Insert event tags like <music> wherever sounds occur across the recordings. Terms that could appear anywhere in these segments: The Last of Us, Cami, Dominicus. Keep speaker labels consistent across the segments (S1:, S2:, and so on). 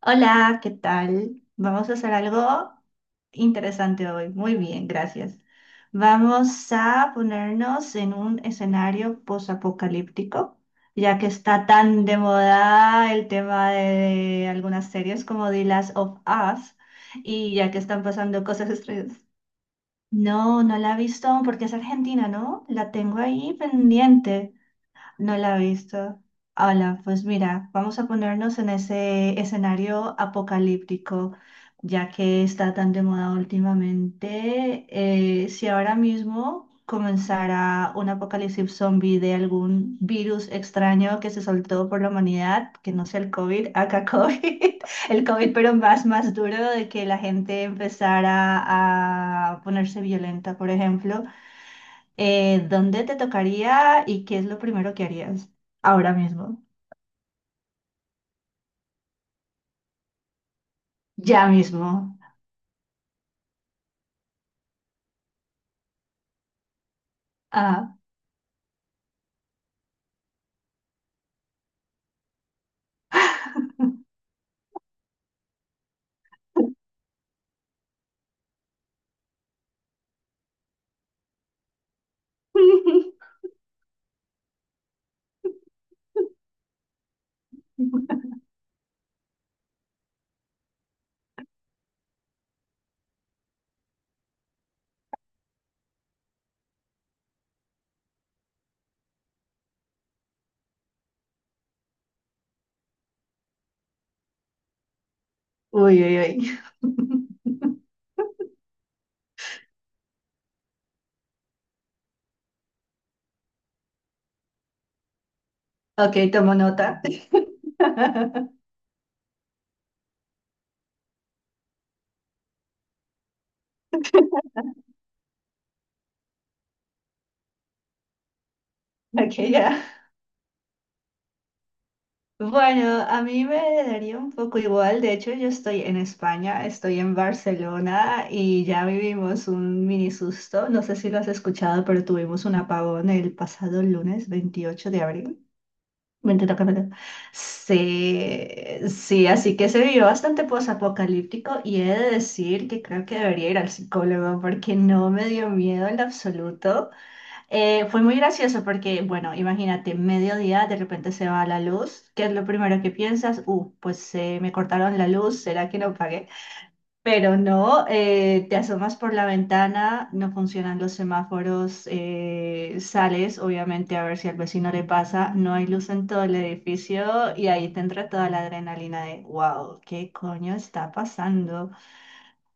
S1: Hola, ¿qué tal? Vamos a hacer algo interesante hoy. Muy bien, gracias. Vamos a ponernos en un escenario posapocalíptico, ya que está tan de moda el tema de algunas series como The Last of Us y ya que están pasando cosas extrañas. No, no la he visto aún porque es argentina, ¿no? La tengo ahí pendiente. No la he visto. Hola, pues mira, vamos a ponernos en ese escenario apocalíptico, ya que está tan de moda últimamente. Si ahora mismo comenzara un apocalipsis zombie de algún virus extraño que se soltó por la humanidad, que no sea el COVID, acá COVID, <laughs> el COVID pero más duro de que la gente empezara a ponerse violenta, por ejemplo. ¿Dónde te tocaría y qué es lo primero que harías? Ahora mismo. Ya mismo. Ah. <laughs> Uy, uy, uy. <laughs> Ok, tomo nota. <laughs> Ok, ya. Bueno, a mí me daría un poco igual. De hecho, yo estoy en España, estoy en Barcelona y ya vivimos un mini susto. No sé si lo has escuchado, pero tuvimos un apagón el pasado lunes 28 de abril. Vente, toca. Sí, sí, así que se vivió bastante posapocalíptico y he de decir que creo que debería ir al psicólogo porque no me dio miedo en lo absoluto. Fue muy gracioso porque, bueno, imagínate, mediodía de repente se va la luz, ¿qué es lo primero que piensas? Me cortaron la luz, ¿será que no pagué? Pero no, te asomas por la ventana, no funcionan los semáforos, sales obviamente a ver si al vecino le pasa, no hay luz en todo el edificio y ahí te entra toda la adrenalina de, wow, ¿qué coño está pasando?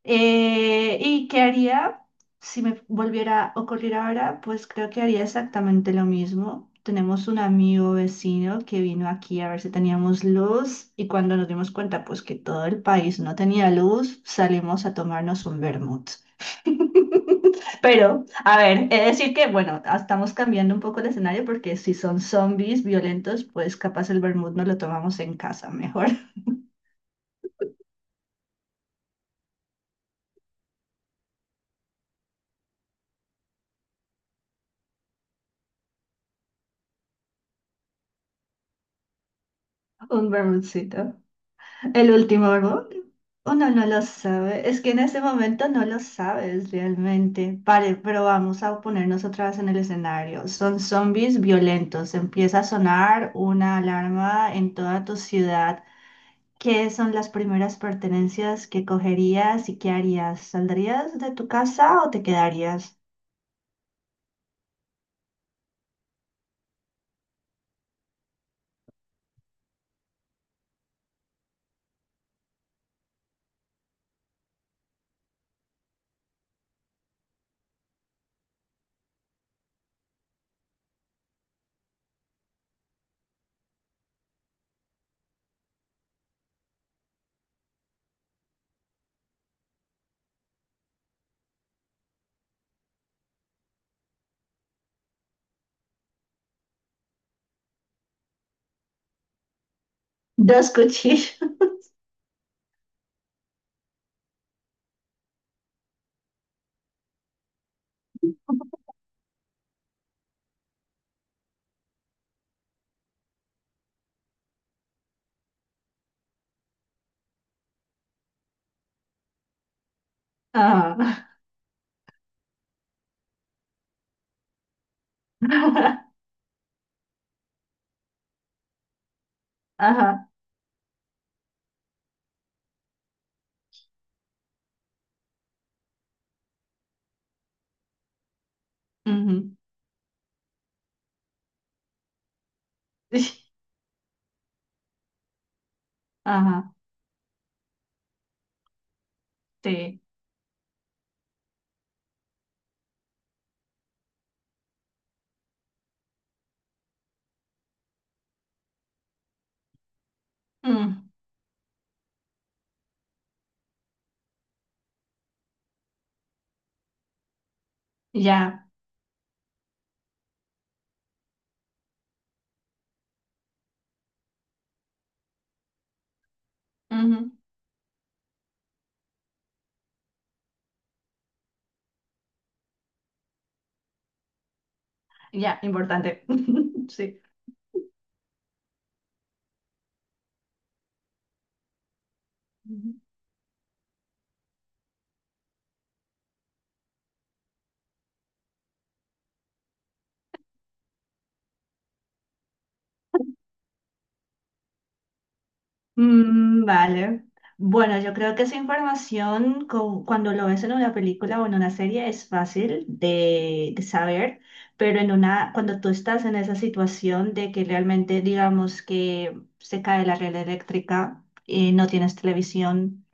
S1: ¿Y qué haría si me volviera a ocurrir ahora? Pues creo que haría exactamente lo mismo. Tenemos un amigo vecino que vino aquí a ver si teníamos luz y cuando nos dimos cuenta pues que todo el país no tenía luz, salimos a tomarnos un vermut. <laughs> Pero, a ver, he de decir que, bueno, ah, estamos cambiando un poco el escenario porque si son zombies violentos, pues capaz el vermut no lo tomamos en casa, mejor <laughs> un vermutcito. El último álbum, uno no lo sabe, es que en ese momento no lo sabes realmente. Pero vamos a ponernos otra vez en el escenario. Son zombies violentos. Empieza a sonar una alarma en toda tu ciudad. ¿Qué son las primeras pertenencias que cogerías y qué harías? ¿Saldrías de tu casa o te quedarías? Dos cuchillos. <laughs> Ajá. <laughs> Ajá. Ujú. <laughs> Ajá. Sí. Mm. Ya. Ujú. Ya, importante. <laughs> Sí. Ujú. Mm, vale. Bueno, yo creo que esa información, cuando lo ves en una película o en una serie, es fácil de saber, pero en una, cuando tú estás en esa situación de que realmente, digamos, que se cae la red eléctrica y no tienes televisión,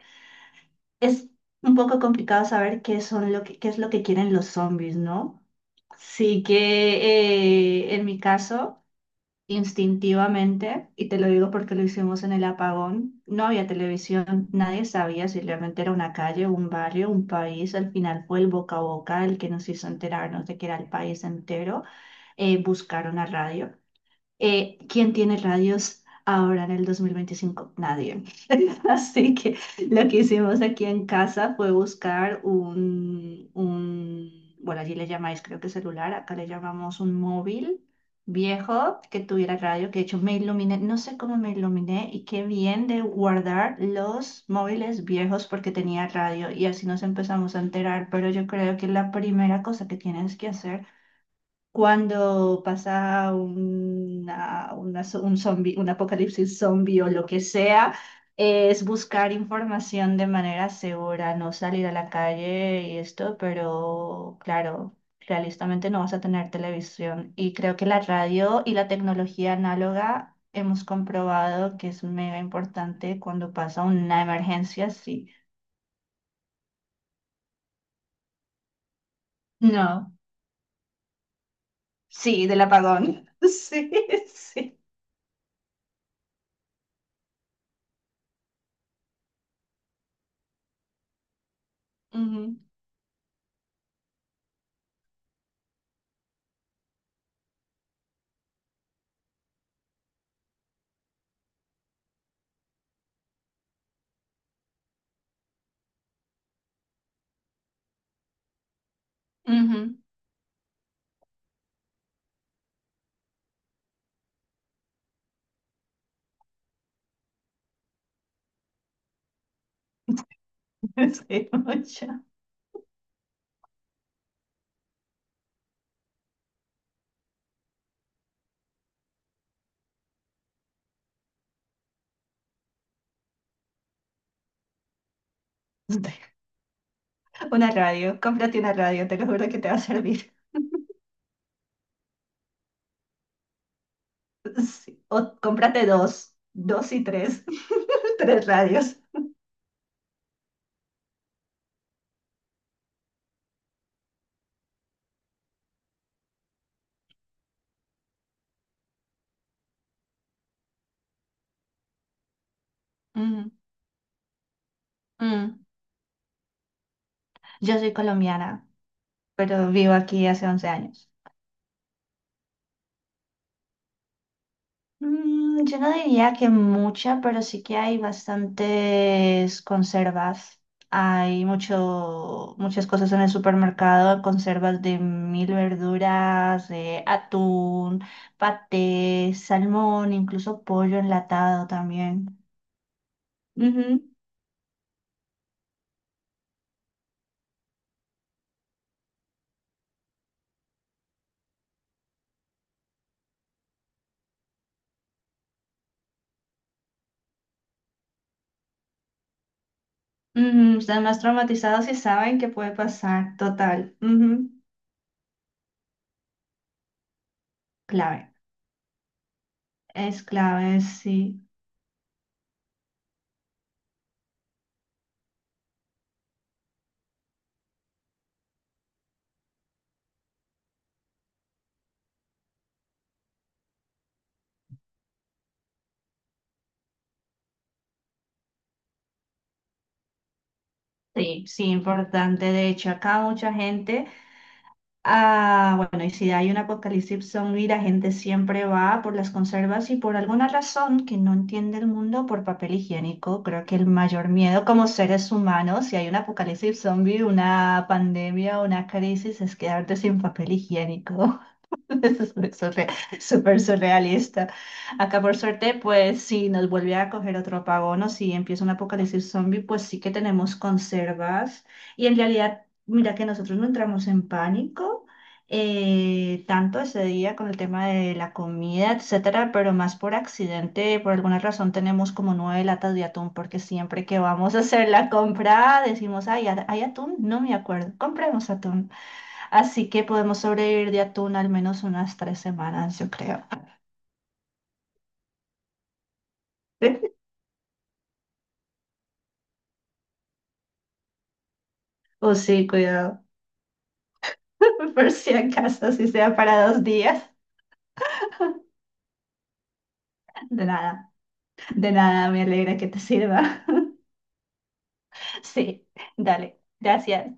S1: es un poco complicado saber qué son lo que, qué es lo que quieren los zombies, ¿no? Sí que en mi caso. Instintivamente, y te lo digo porque lo hicimos en el apagón, no había televisión, nadie sabía si realmente era una calle, un barrio, un país, al final fue el boca a boca el que nos hizo enterarnos de que era el país entero, buscar una radio. ¿Quién tiene radios ahora en el 2025? Nadie. <laughs> Así que lo que hicimos aquí en casa fue buscar bueno, allí le llamáis creo que celular, acá le llamamos un móvil viejo que tuviera radio, que de hecho me iluminé, no sé cómo me iluminé y qué bien de guardar los móviles viejos porque tenía radio y así nos empezamos a enterar, pero yo creo que la primera cosa que tienes que hacer cuando pasa una zo- un zombi- un apocalipsis zombie o lo que sea, es buscar información de manera segura, no salir a la calle y esto, pero claro, realistamente no vas a tener televisión. Y creo que la radio y la tecnología análoga hemos comprobado que es mega importante cuando pasa una emergencia así. No, sí, del apagón. <laughs> Sí, sí. Ujú, ujú. <laughs> Sí, mucho. Una radio, cómprate una radio, te lo juro que te va a servir. Sí. O cómprate dos, dos y tres, <laughs> tres radios. Mm, mm. Yo soy colombiana, pero vivo aquí hace 11 años. Mm, yo no diría que mucha, pero sí que hay bastantes conservas. Hay muchas cosas en el supermercado, conservas de mil verduras, de atún, paté, salmón, incluso pollo enlatado también. Ujú, ujú, están más traumatizados y saben que puede pasar, total. Ujú. Clave, es clave, sí. Sí, sí, importante. De hecho, acá mucha gente... Ah, bueno, y si hay un apocalipsis zombie, la gente siempre va por las conservas y por alguna razón que no entiende el mundo por papel higiénico. Creo que el mayor miedo como seres humanos, si hay un apocalipsis zombie, una pandemia, una crisis, es quedarte sin papel higiénico. <laughs> <laughs> Es surre- súper surrealista. Acá por suerte, pues si nos vuelve a coger otro apagón o si empieza un apocalipsis zombie, pues sí que tenemos conservas. Y en realidad, mira que nosotros no entramos en pánico tanto ese día con el tema de la comida, etcétera, pero más por accidente, por alguna razón tenemos como 9 latas de atún, porque siempre que vamos a hacer la compra decimos, ay, ¿hay atún? No me acuerdo, compremos atún. Así que podemos sobrevivir de atún al menos unas 3 semanas, yo creo. <laughs> O sí, cuidado. <laughs> Por si acaso, si sea para 2 días. De nada, de nada, me alegra que te sirva. <laughs> Sí, dale. Gracias.